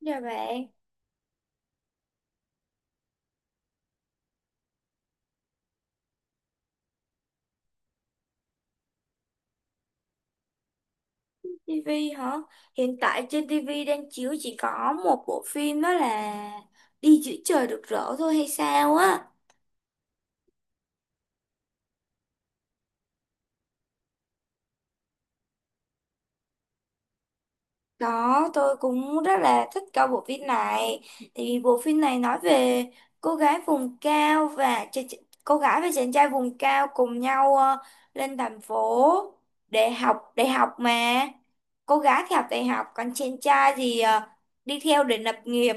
Dạ bạn, TV hả? Hiện tại trên TV đang chiếu chỉ có một bộ phim đó là Đi giữa trời rực rỡ thôi hay sao á. Đó, tôi cũng rất là thích coi bộ phim này. Thì bộ phim này nói về cô gái vùng cao và ch ch- cô gái và chàng trai vùng cao cùng nhau lên thành phố để học đại học mà. Cô gái thì học đại học, còn chàng trai thì đi theo để lập nghiệp.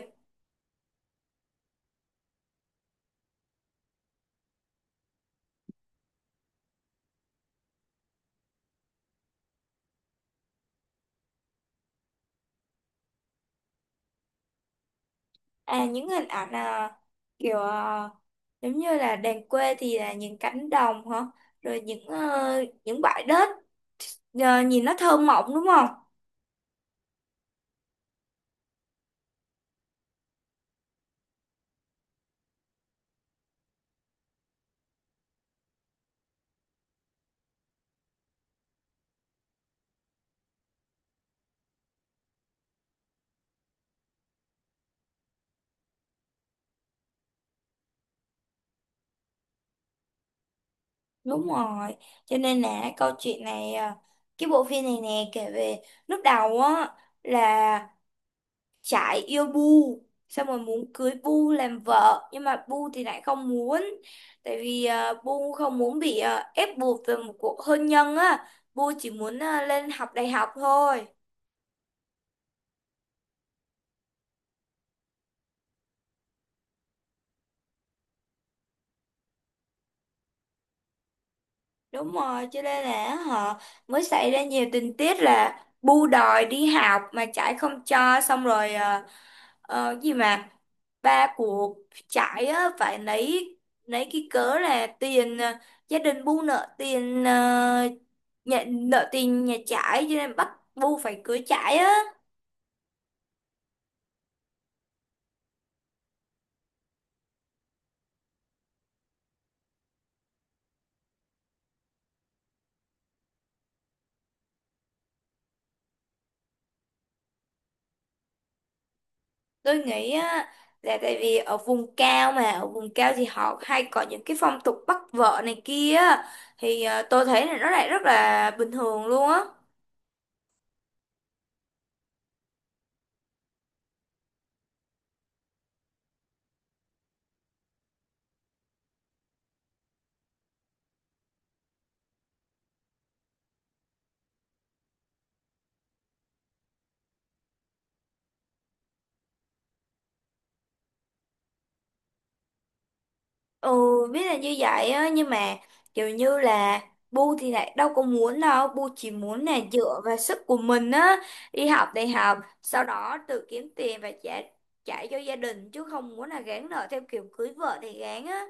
À những hình ảnh à, kiểu giống như là đàn quê thì là những cánh đồng hả, rồi những những bãi đất, nhìn nó thơ mộng đúng không? Đúng rồi, cho nên là câu chuyện này cái bộ phim này nè kể về lúc đầu á, là Trải yêu Bu, xong rồi muốn cưới Bu làm vợ, nhưng mà Bu thì lại không muốn tại vì Bu không muốn bị ép buộc từ một cuộc hôn nhân á. Bu chỉ muốn lên học đại học thôi. Đúng rồi, cho nên là họ mới xảy ra nhiều tình tiết là bu đòi đi học mà trải không cho, xong rồi gì mà ba của trải á, phải lấy cái cớ là tiền, gia đình bu nợ tiền, nhà, nợ tiền nhà trải, cho nên bắt bu phải cưới trải á. Tôi nghĩ á, là tại vì ở vùng cao, mà ở vùng cao thì họ hay có những cái phong tục bắt vợ này kia á. Thì tôi thấy là nó lại rất là bình thường luôn á. Ừ, biết là như vậy á, nhưng mà kiểu như là Bu thì lại đâu có muốn đâu, Bu chỉ muốn là dựa vào sức của mình á, đi học đại học, sau đó tự kiếm tiền và trả trả cho gia đình, chứ không muốn là gán nợ theo kiểu cưới vợ thì gán á.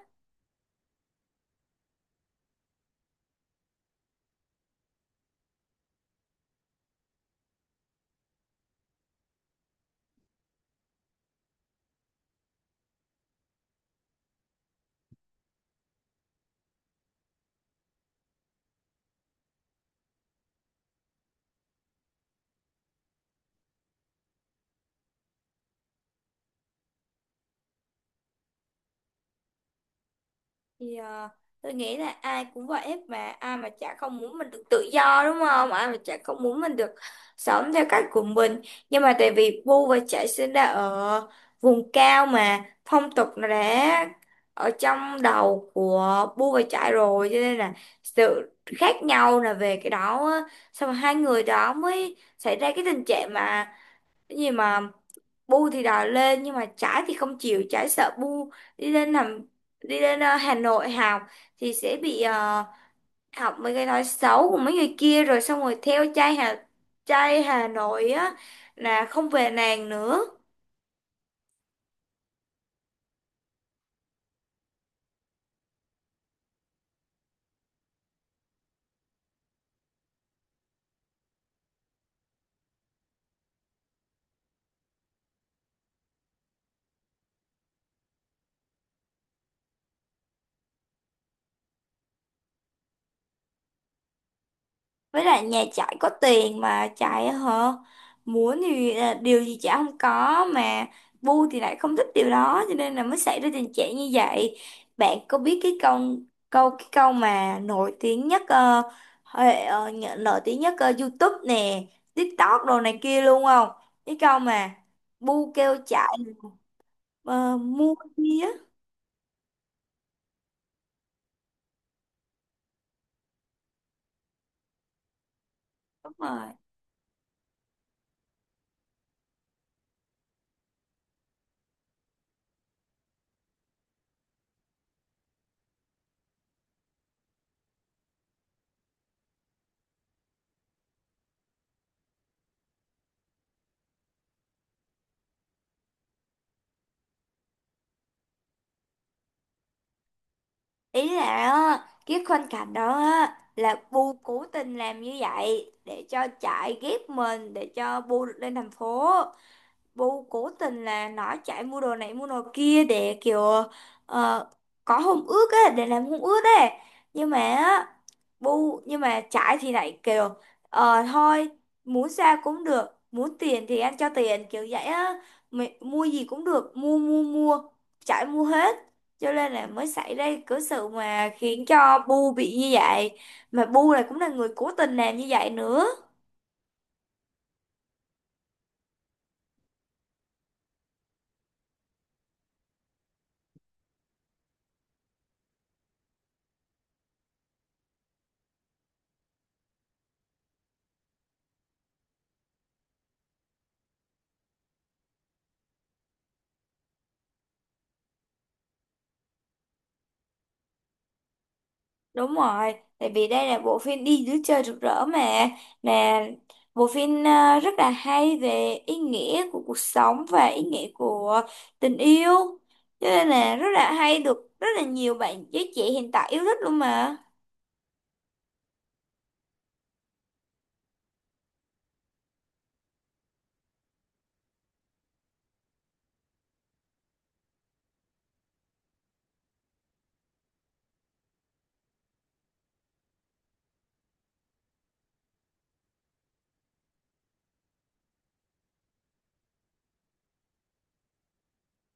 Thì tôi nghĩ là ai cũng vậy hết, mà ai mà chả không muốn mình được tự do, đúng không, ai mà chả không muốn mình được sống theo cách của mình. Nhưng mà tại vì Bu và Trải sinh ra ở vùng cao, mà phong tục nó đã ở trong đầu của Bu và Trải rồi, cho nên là sự khác nhau là về cái đó á. Xong rồi hai người đó mới xảy ra cái tình trạng mà cái gì mà Bu thì đòi lên, nhưng mà Trái thì không chịu. Trái sợ Bu đi lên làm, đi lên Hà Nội học thì sẽ bị học mấy cái nói xấu của mấy người kia, rồi xong rồi theo trai Hà Nội á, là không về nàng nữa. Với lại nhà chạy có tiền mà chạy á hả, muốn thì à, điều gì chả không có, mà Bu thì lại không thích điều đó, cho nên là mới xảy ra tình trạng như vậy. Bạn có biết cái câu, cái câu mà nổi tiếng nhất nổi tiếng nhất YouTube nè, TikTok đồ này kia luôn không? Cái câu mà Bu kêu chạy ờ, mua bia. Đúng rồi, ý là á, cái khoảnh cảnh đó á, là Bu cố tình làm như vậy để cho chạy ghép mình, để cho Bu được lên thành phố. Bu cố tình là nói chạy mua đồ này mua đồ kia để kiểu ờ, có hôn ước á, để làm hôn ước á. Nhưng mà á, nhưng mà Trải thì lại kiểu ờ thôi, muốn sao cũng được, muốn tiền thì anh cho tiền kiểu vậy á, mày, mua gì cũng được, mua mua mua. Trải mua hết, cho nên là mới xảy ra cái sự mà khiến cho Bu bị như vậy, mà Bu này cũng là người cố tình làm như vậy nữa. Đúng rồi, tại vì đây là bộ phim Đi dưới trời rực rỡ mà bộ phim à, rất là hay về ý nghĩa của cuộc sống và ý nghĩa của tình yêu. Cho nên là rất là hay, được rất là nhiều bạn giới trẻ hiện tại yêu thích luôn mà.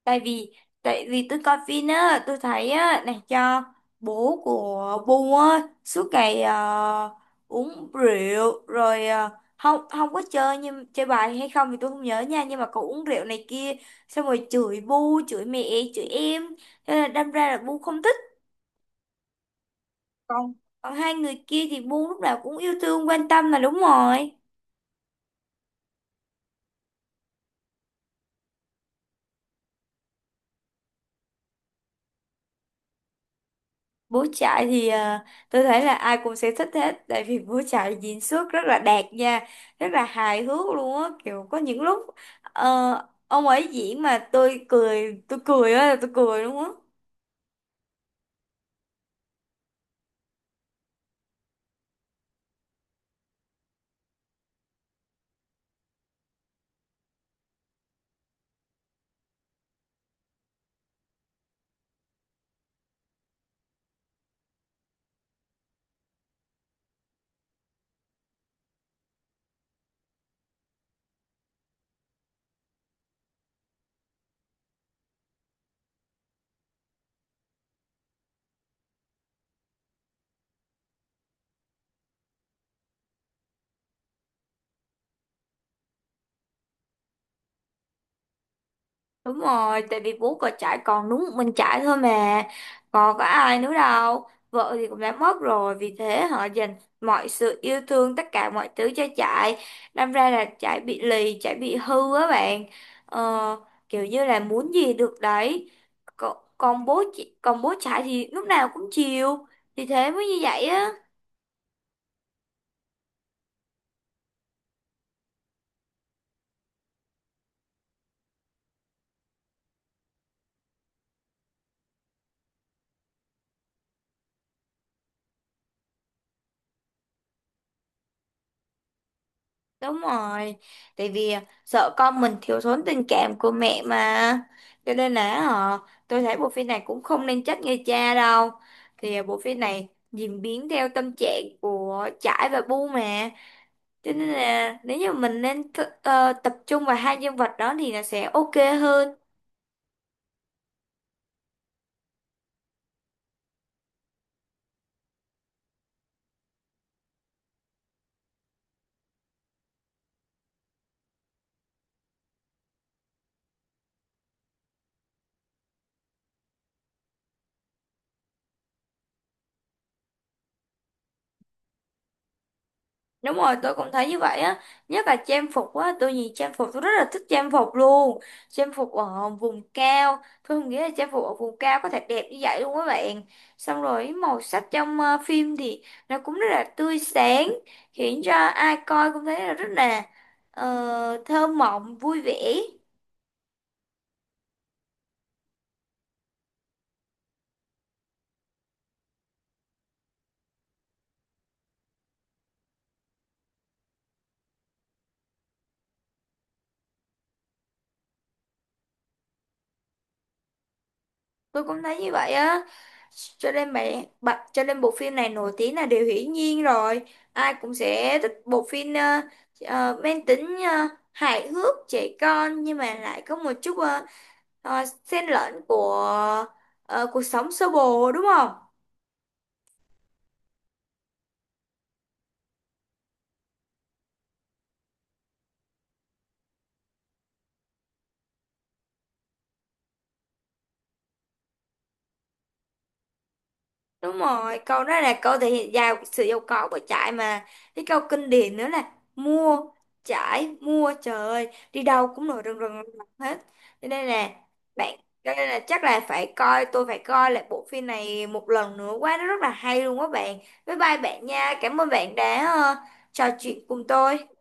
tại vì tại vì tôi coi phim á, tôi thấy á này cho bố của Bu á suốt ngày uống rượu, rồi không không có chơi, nhưng chơi bài hay không thì tôi không nhớ nha, nhưng mà cậu uống rượu này kia, xong rồi chửi Bu, chửi mẹ, chửi em. Thế là đâm ra là Bu không thích. Còn, còn hai người kia thì Bu lúc nào cũng yêu thương quan tâm là đúng rồi. Bố trại thì tôi thấy là ai cũng sẽ thích hết, tại vì bố trại diễn xuất rất là đạt nha, rất là hài hước luôn á, kiểu có những lúc ờ, ông ấy diễn mà tôi cười á, tôi cười luôn á. Đúng rồi, tại vì bố có trải còn đúng một mình trải thôi mà, còn có ai nữa đâu. Vợ thì cũng đã mất rồi, vì thế họ dành mọi sự yêu thương, tất cả mọi thứ cho trải. Đâm ra là trải bị lì, trải bị hư á bạn. Ờ, kiểu như là muốn gì được đấy. Còn bố trải thì lúc nào cũng chiều, thì thế mới như vậy á. Đúng rồi, tại vì à, sợ con mình thiếu thốn tình cảm của mẹ mà. Cho nên là họ, tôi thấy bộ phim này cũng không nên trách người cha đâu. Thì à, bộ phim này diễn biến theo tâm trạng của Trải và Bu mà. Cho nên là nếu như mình nên tập trung vào hai nhân vật đó thì nó sẽ ok hơn. Đúng rồi, tôi cũng thấy như vậy á, nhất là trang phục á, tôi nhìn trang phục tôi rất là thích trang phục luôn. Trang phục ở vùng cao, tôi không nghĩ là trang phục ở vùng cao có thể đẹp như vậy luôn các bạn. Xong rồi màu sắc trong phim thì nó cũng rất là tươi sáng, khiến cho ai coi cũng thấy là rất là thơ mộng, vui vẻ. Tôi cũng thấy như vậy á, cho nên mẹ bạn, cho nên bộ phim này nổi tiếng là điều hiển nhiên rồi. Ai cũng sẽ thích bộ phim mang tính hài hước trẻ con, nhưng mà lại có một chút xen lẫn của cuộc sống sơ bộ, đúng không? Đúng rồi, câu đó là câu thể hiện giàu sự giàu có của trải mà. Cái câu kinh điển nữa là mua, trải, mua, trời ơi, đi đâu cũng nổi rần rần rần hết. Cho nên là bạn, cho nên là chắc là phải coi, tôi phải coi lại bộ phim này một lần nữa quá, nó rất là hay luôn á bạn. Bye bye bạn nha. Cảm ơn bạn đã trò chuyện cùng tôi.